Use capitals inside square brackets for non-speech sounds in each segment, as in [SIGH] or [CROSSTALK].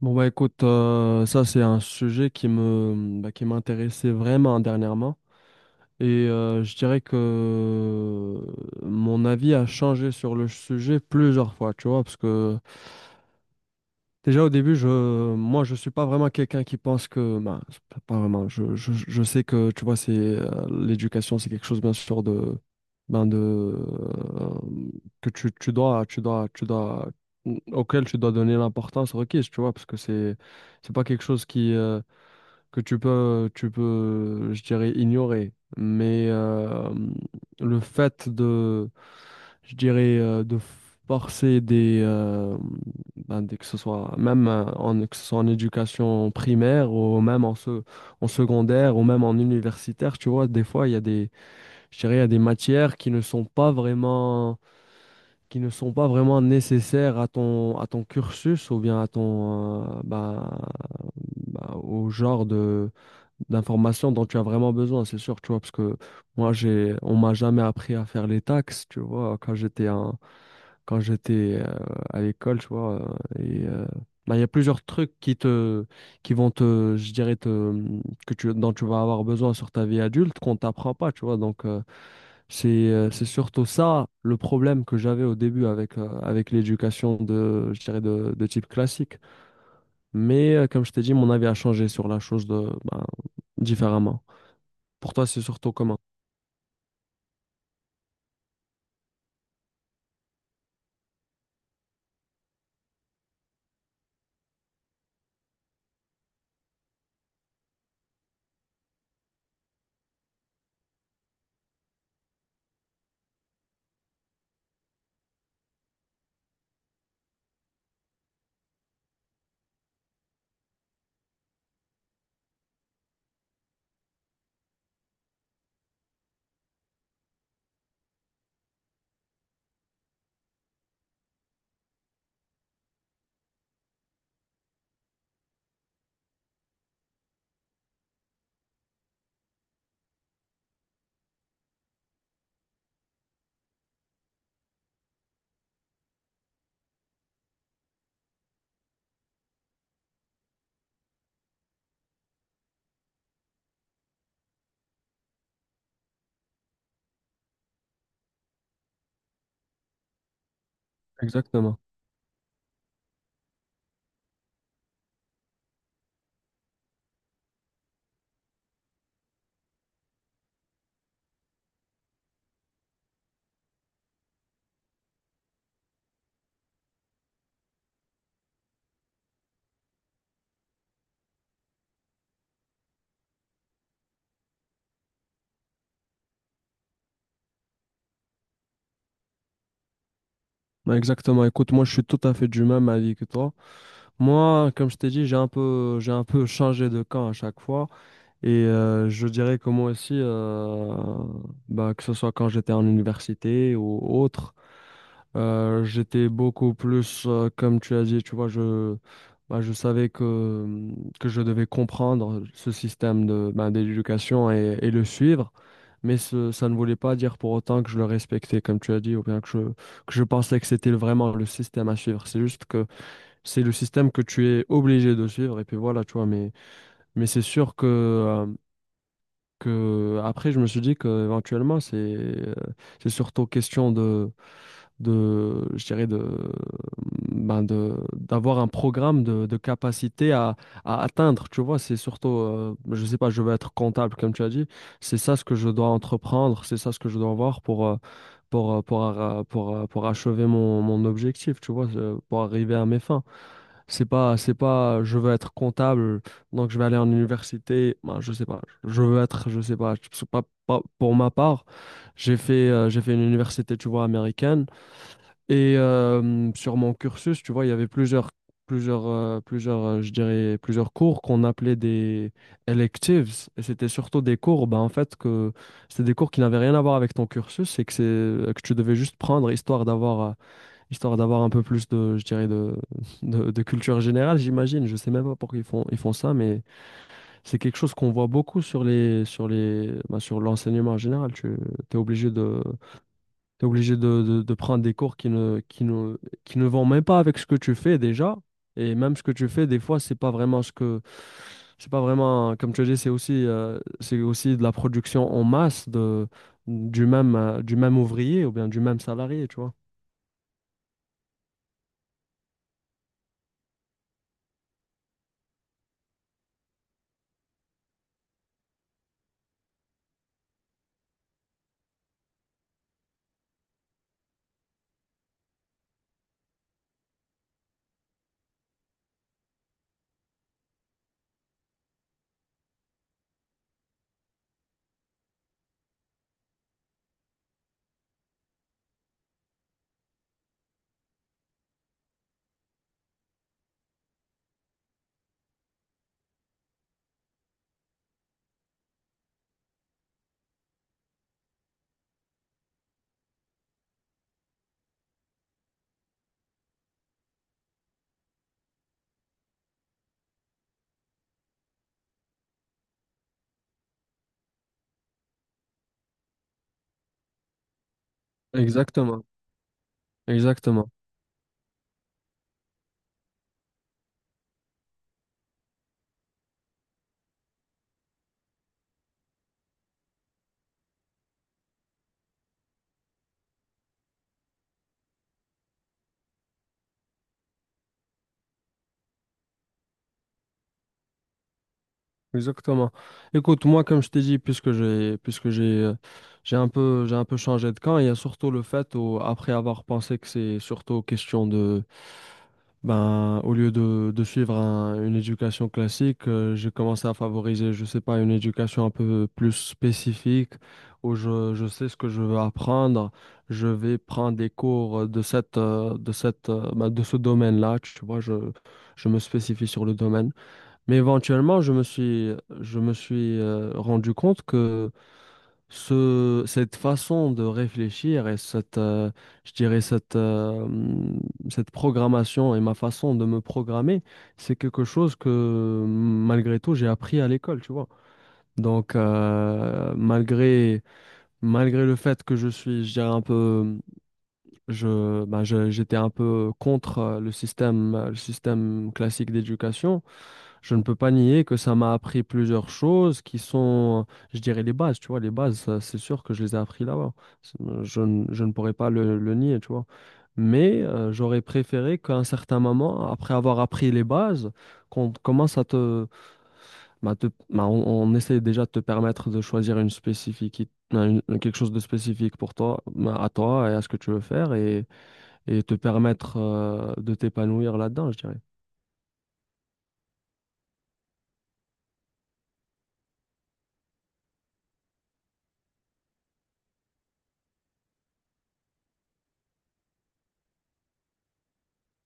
Bon bah écoute, ça c'est un sujet qui qui m'intéressait vraiment dernièrement et je dirais que mon avis a changé sur le sujet plusieurs fois, tu vois, parce que déjà au début, moi je suis pas vraiment quelqu'un qui pense que, ben, c'est pas vraiment. Je sais que tu vois, c'est l'éducation, c'est quelque chose bien sûr de, ben de euh, que tu dois, tu dois, tu dois auquel tu dois donner l'importance requise, tu vois, parce que c'est pas quelque chose qui, que tu peux, je dirais, ignorer. Mais le fait de, je dirais, de forcer des, ben, dès que ce soit, même que ce soit en éducation primaire ou même en secondaire ou même en universitaire, tu vois, des fois, il y a des, je dirais, il y a des matières qui ne sont pas vraiment, qui ne sont pas vraiment nécessaires à à ton cursus ou bien à ton, ben, ben, au genre de d'informations dont tu as vraiment besoin, c'est sûr, tu vois, parce que moi, on m'a jamais appris à faire les taxes, tu vois, quand j'étais à l'école, tu vois, et euh, ben, il y a plusieurs trucs qui te, qui vont te, je dirais que dont tu vas avoir besoin sur ta vie adulte qu'on t'apprend pas, tu vois, donc c'est surtout ça le problème que j'avais au début avec, avec l'éducation de, je dirais de type classique, mais comme je t'ai dit, mon avis a changé sur la chose de, ben, différemment. Pour toi, c'est surtout comment? Exactement. Ouais, exactement. Écoute, moi, je suis tout à fait du même avis que toi. Moi, comme je t'ai dit, j'ai un peu changé de camp à chaque fois. Et je dirais que moi aussi, bah, que ce soit quand j'étais en université ou autre. J'étais beaucoup plus, comme tu as dit, tu vois, bah, je savais que je devais comprendre ce système de, ben, d'éducation et le suivre, mais ça ne voulait pas dire pour autant que je le respectais, comme tu as dit, ou bien que je pensais que c'était vraiment le système à suivre. C'est juste que c'est le système que tu es obligé de suivre, et puis voilà, tu vois, mais c'est sûr que après, je me suis dit que éventuellement c'est surtout question de, je dirais ben de, d'avoir un programme de capacité à atteindre, tu vois, c'est surtout, je sais pas, je veux être comptable, comme tu as dit, c'est ça ce que je dois entreprendre, c'est ça ce que je dois avoir pour, pour achever mon objectif, tu vois, pour arriver à mes fins. C'est pas, je veux être comptable, donc je vais aller en université, ben, je sais pas, je veux être, je sais pas, pour ma part, j'ai fait une université, tu vois, américaine, et sur mon cursus, tu vois, il y avait plusieurs, je dirais, plusieurs cours qu'on appelait des electives. Et c'était surtout des cours, ben, en fait, que c'était des cours qui n'avaient rien à voir avec ton cursus et que que tu devais juste prendre histoire d'avoir un peu plus de, je dirais, de, [LAUGHS] de culture générale, j'imagine. Je sais même pas pourquoi ils font ça, mais c'est quelque chose qu'on voit beaucoup sur les, ben, sur l'enseignement en général. Es obligé de Tu es obligé de prendre des cours qui ne vont même pas avec ce que tu fais déjà. Et même ce que tu fais, des fois, c'est pas vraiment ce que. C'est pas vraiment. Comme tu as dit, c'est aussi de la production en masse de, du même ouvrier ou bien du même salarié, tu vois. Exactement, exactement, exactement. Écoute, moi, comme je t'ai dit, puisque j'ai, j'ai un peu changé de camp, il y a surtout le fait, où, après avoir pensé que c'est surtout question de, ben, au lieu de suivre une éducation classique, j'ai commencé à favoriser, je sais pas, une éducation un peu plus spécifique où je sais ce que je veux apprendre. Je vais prendre des cours de ben, de ce domaine-là. Tu vois, je me spécifie sur le domaine. Mais éventuellement, je me suis rendu compte que cette façon de réfléchir et cette, je dirais cette, cette programmation et ma façon de me programmer, c'est quelque chose que malgré tout j'ai appris à l'école, tu vois. Donc malgré le fait que je suis, je dirais un peu, j'étais un peu contre le système classique d'éducation. Je ne peux pas nier que ça m'a appris plusieurs choses qui sont, je dirais, les bases, tu vois, les bases, ça, c'est sûr que je les ai appris là-bas. Je ne je ne pourrais pas le nier, tu vois. Mais j'aurais préféré qu'à un certain moment, après avoir appris les bases, qu'on commence à te- bah, on essaie déjà de te permettre de choisir une spécifique, quelque chose de spécifique pour toi, bah, à toi et à ce que tu veux faire et te permettre de t'épanouir là-dedans, je dirais.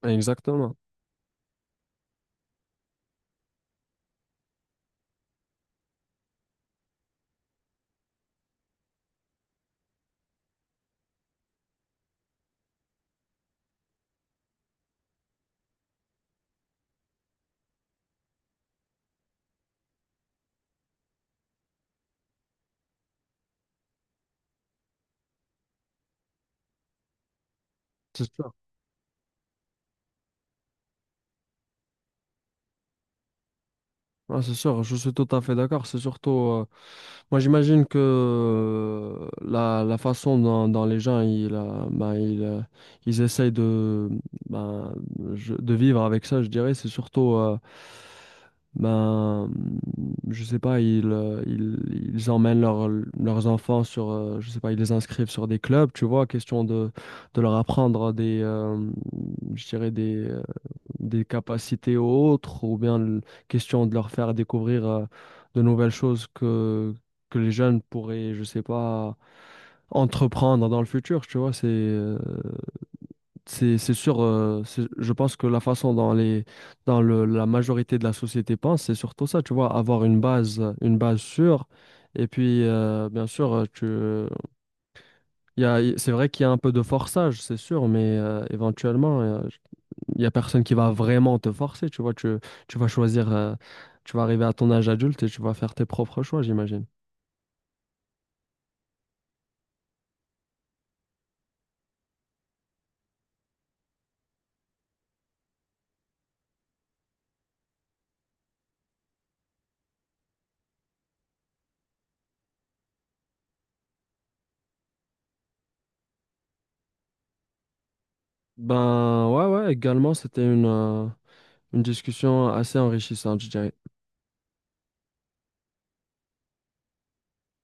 Exactement. C'est ça. Ah, c'est sûr, je suis tout à fait d'accord. C'est surtout, moi j'imagine que la façon dont les gens ils essayent de, ben, de vivre avec ça, je dirais, c'est surtout, ben, je sais pas, ils emmènent leurs enfants sur, je sais pas, ils les inscrivent sur des clubs, tu vois, question de leur apprendre des, je dirais, des capacités autres, ou bien question de leur faire découvrir de nouvelles choses que les jeunes pourraient, je sais pas, entreprendre dans le futur, tu vois, c'est sûr, je pense que la façon dont les dans la majorité de la société pense, c'est surtout ça, tu vois, avoir une base sûre. Et puis, bien sûr, c'est vrai qu'il y a un peu de forçage, c'est sûr, mais éventuellement, il n'y a personne qui va vraiment te forcer, tu vois. Tu vas choisir, tu vas arriver à ton âge adulte et tu vas faire tes propres choix, j'imagine. Ben ouais, ouais, également, c'était une discussion assez enrichissante, je dirais.